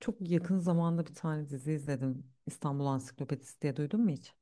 Çok yakın zamanda bir tane dizi izledim. İstanbul Ansiklopedisi diye duydun mu hiç?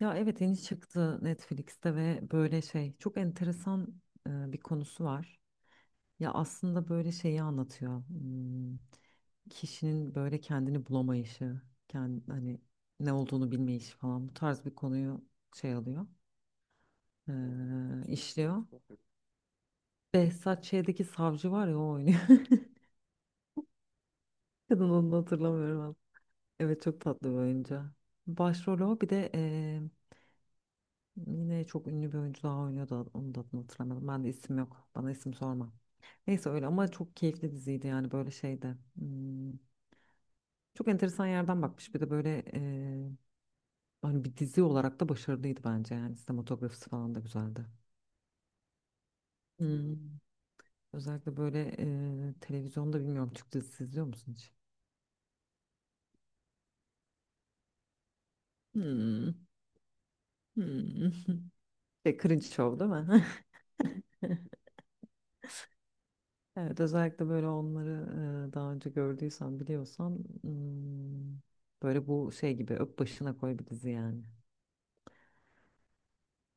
Ya evet yeni çıktı Netflix'te ve böyle şey çok enteresan bir konusu var. Ya aslında böyle şeyi anlatıyor. Hmm, kişinin böyle kendini bulamayışı, kendi, hani ne olduğunu bilmeyişi falan bu tarz bir konuyu şey alıyor, işliyor. Behzat Ç'deki savcı var ya o oynuyor. Kadın onu hatırlamıyorum. Evet çok tatlı bir oyuncu. Başrolü o bir de yine çok ünlü bir oyuncu daha oynuyordu. Onu da adını hatırlamadım. Ben de isim yok. Bana isim sorma. Neyse öyle ama çok keyifli diziydi yani böyle şeyde. Hmm, çok enteresan yerden bakmış. Bir de böyle hani bir dizi olarak da başarılıydı bence yani. Sinematografisi falan da güzeldi. Hmm. Özellikle böyle televizyonda bilmiyorum Türk dizisi izliyor musun hiç? Hmm. Hmm. Şey, cringe show değil mi? Evet, özellikle böyle onları daha önce gördüysen biliyorsan hmm, böyle bu şey gibi öp başına koy bir dizi yani.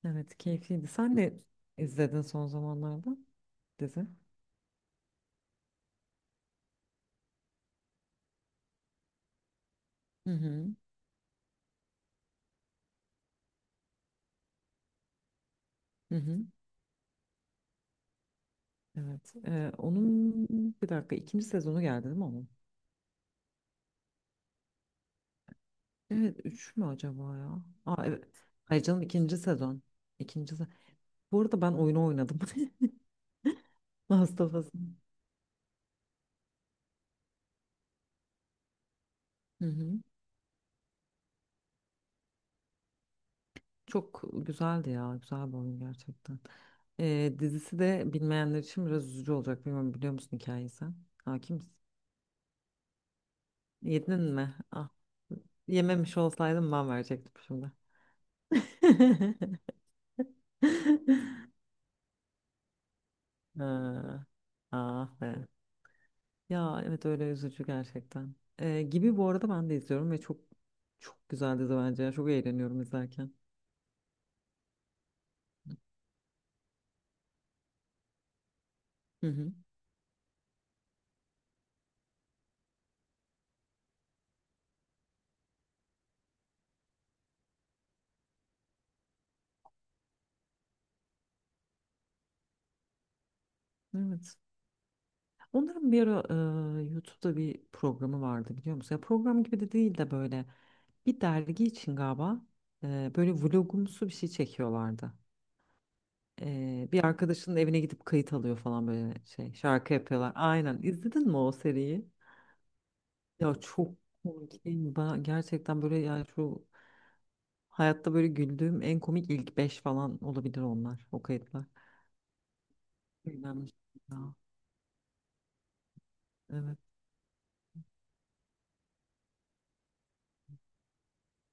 Evet keyifliydi. Sen de izledin son zamanlarda dizi. Hı hı. Hı hı. Evet. Onun bir dakika ikinci sezonu geldi değil mi onun? Evet üç mü acaba ya? Aa evet. Hayır canım ikinci sezon. İkinci sezon. Bu arada ben oyunu oynadım. Last of Us'ın. Hı hı. Çok güzeldi ya. Güzel bir oyun gerçekten. Dizisi de bilmeyenler için biraz üzücü olacak. Bilmiyorum biliyor musun hikayeyi sen? Hakim misin? Yedin mi? Ah. Yememiş olsaydım ben verecektim şimdi. Ha, ah be. Ya evet öyle üzücü gerçekten. Gibi bu arada ben de izliyorum ve çok çok güzel dizi bence. Ya. Çok eğleniyorum izlerken. Hı hı. Evet. Onların bir ara YouTube'da bir programı vardı biliyor musun? Ya program gibi de değil de böyle. Bir dergi için galiba böyle vlogumsu bir şey çekiyorlardı. Bir arkadaşının evine gidip kayıt alıyor falan böyle şey şarkı yapıyorlar. Aynen izledin mi o seriyi? Ya çok komik değil mi? Ben gerçekten böyle yani şu hayatta böyle güldüğüm en komik ilk 5 falan olabilir onlar o kayıtlar. Eğlenmiş ya. Evet.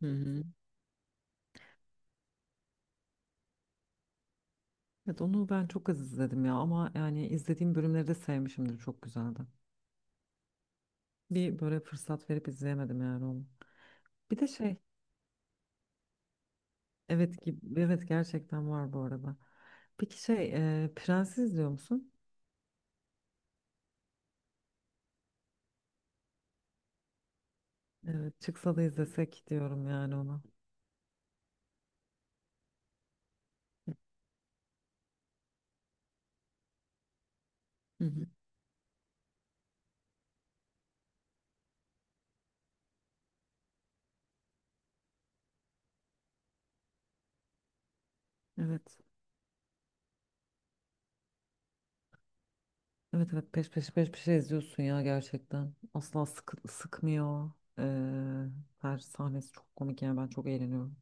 Hı hı. Evet onu ben çok az izledim ya ama yani izlediğim bölümleri de sevmişimdir çok güzeldi. Bir böyle fırsat verip izleyemedim yani onu. Bir de şey evet ki evet gerçekten var bu arada. Peki şey Prens'i izliyor musun? Evet, çıksa da izlesek diyorum yani ona. Hı hı. Evet. Evet evet peş peşe peş peşe izliyorsun ya gerçekten. Asla sıkmıyor. Ee, Her sahnesi çok komik yani ben çok eğleniyorum.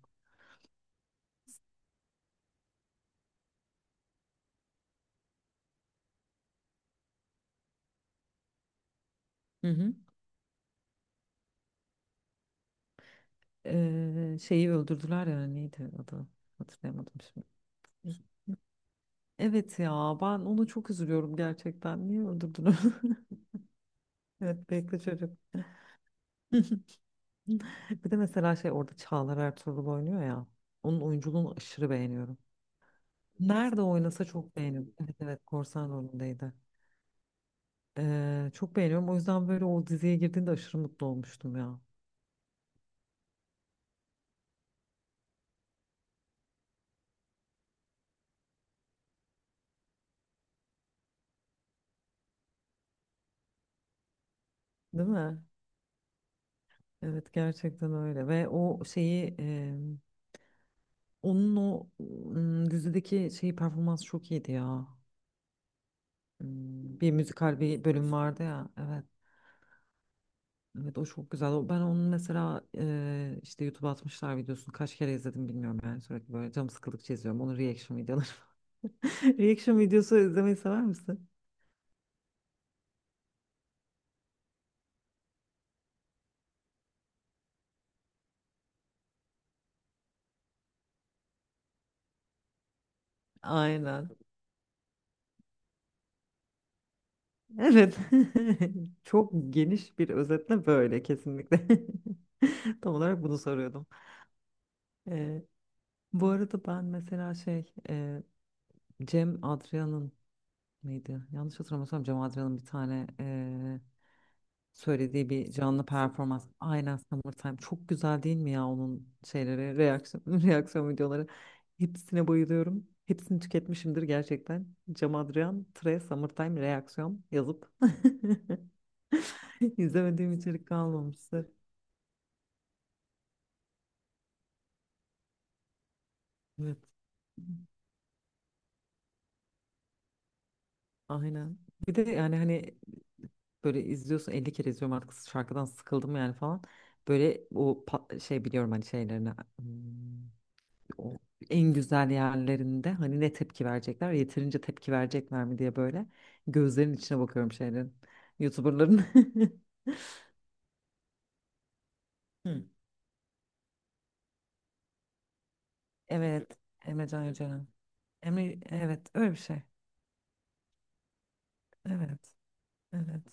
Hı hı. Şeyi öldürdüler ya neydi adı? Hatırlayamadım şimdi. Hı. Evet ya ben onu çok üzülüyorum gerçekten. Niye öldürdüler? Evet bekle çocuk. Bir de mesela şey orada Çağlar Ertuğrul oynuyor ya. Onun oyunculuğunu aşırı beğeniyorum. Nerede oynasa çok beğeniyorum. Evet evet korsan rolündeydi. Çok beğeniyorum. O yüzden böyle o diziye girdiğinde aşırı mutlu olmuştum ya. Değil mi? Evet gerçekten öyle. Ve o şeyi onun o dizideki şeyi performans çok iyiydi ya. Hmm, bir müzikal bir bölüm vardı ya. Evet. Evet o çok güzel. O- Ben onun mesela işte YouTube'a atmışlar videosunu kaç kere izledim bilmiyorum yani sürekli böyle canım sıkıldıkça izliyorum. Onun reaction videoları. Reaction videosu izlemeyi sever misin? Aynen. Evet. Çok geniş bir özetle böyle kesinlikle. Tam olarak bunu soruyordum. E, Bu arada ben mesela şey Cem Adrian'ın neydi? Yanlış hatırlamıyorsam Cem Adrian'ın bir tane söylediği bir canlı performans. Aynen Summertime. Çok güzel değil mi ya onun şeyleri, reaksiyon, reaksiyon videoları. Hepsine bayılıyorum. Hepsini tüketmişimdir gerçekten. Cem Adrian, Tre, Summertime, reaksiyon yazıp izlemediğim içerik kalmamıştır. Evet. Aynen. Bir de yani hani böyle izliyorsun 50 kere izliyorum artık şarkıdan sıkıldım yani falan. Böyle o şey biliyorum hani şeylerini. Hmm, o en güzel yerlerinde hani ne tepki verecekler yeterince tepki verecekler mi diye böyle gözlerin içine bakıyorum şeylerin YouTuber'ların. Hı. Evet Emrecan Yücelen. Emre evet öyle bir şey. Evet evet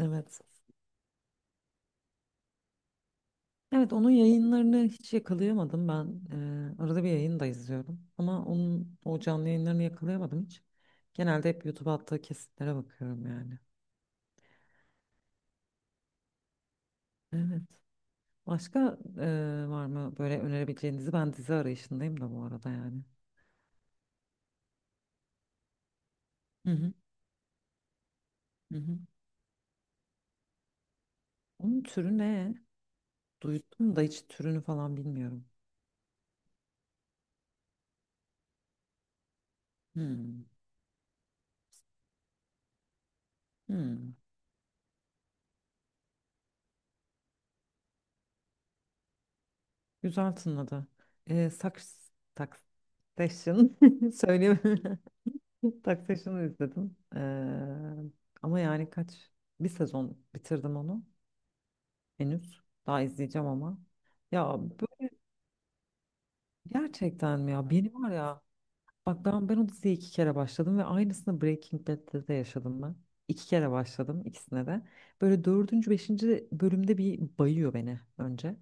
evet. Evet onun yayınlarını hiç yakalayamadım ben. Arada bir yayını da izliyorum ama onun o canlı yayınlarını yakalayamadım hiç. Genelde hep YouTube'a attığı kesitlere bakıyorum yani. Evet. Başka var mı böyle önerebileceğinizi ben dizi arayışındayım da bu arada yani. Hı hı. Hı hı. Onun türü ne? Duydum da hiç türünü falan bilmiyorum. Hmm. Hmm. Güzel tınladı. E, Saks, Taxation söyleyeyim. Taxation'ı izledim. Ama yani kaç? Bir sezon bitirdim onu henüz. Daha izleyeceğim ama. Ya bu- gerçekten mi ya? Beni var ya bak ben o diziye iki kere başladım ve aynısını Breaking Bad'de de yaşadım ben. İki kere başladım ikisine de. Böyle dördüncü, beşinci bölümde bir bayıyor beni önce.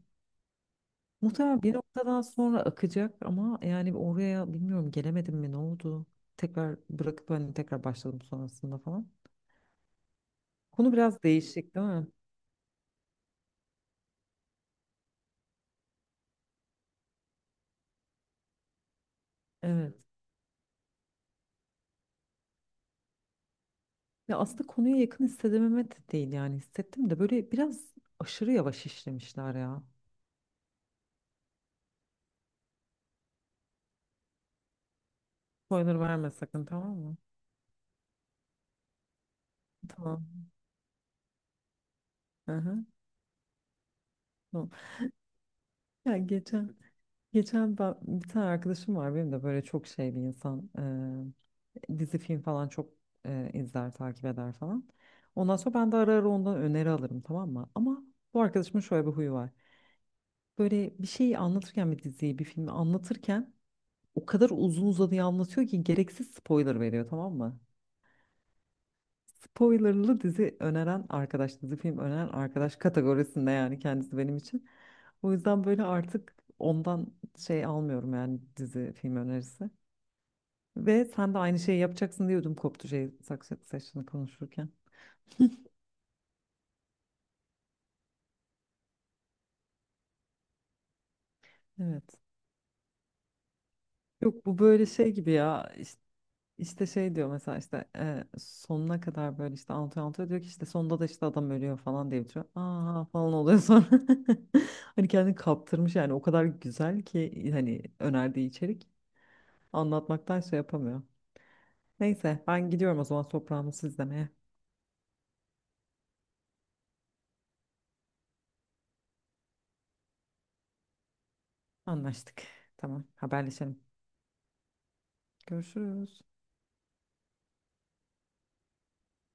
Muhtemelen bir noktadan sonra akacak ama yani oraya bilmiyorum gelemedim mi ne oldu? Tekrar bırakıp hani tekrar başladım sonrasında falan. Konu biraz değişik değil mi? Evet. Ya aslında konuya yakın hissedememe de değil yani hissettim de böyle biraz aşırı yavaş işlemişler ya. Spoiler verme sakın tamam mı? Tamam. Hı hı. Ya geçen bir tane arkadaşım var benim de böyle çok şey bir insan dizi film falan çok izler takip eder falan. Ondan sonra ben de ara ara ondan öneri alırım tamam mı? Ama bu arkadaşımın şöyle bir huyu var. Böyle bir şeyi anlatırken bir diziyi bir filmi anlatırken o kadar uzun uzadıya anlatıyor ki gereksiz spoiler veriyor tamam mı? Spoilerlı dizi öneren arkadaş, dizi film öneren arkadaş kategorisinde yani kendisi benim için. O yüzden böyle artık ondan şey almıyorum yani dizi film önerisi. Ve sen de aynı şeyi yapacaksın diyordum koptu şey Succession'ı konuşurken. Evet. Yok bu böyle şey gibi ya işte, işte şey diyor mesela işte sonuna kadar böyle işte anlatıyor anlatıyor diyor ki işte sonunda da işte adam ölüyor falan diye bitiriyor. Aa falan oluyor sonra. Hani kendini kaptırmış yani o kadar güzel ki hani önerdiği içerik. Anlatmaktansa yapamıyor. Neyse ben gidiyorum o zaman toprağımı izlemeye. Anlaştık. Tamam haberleşelim. Görüşürüz.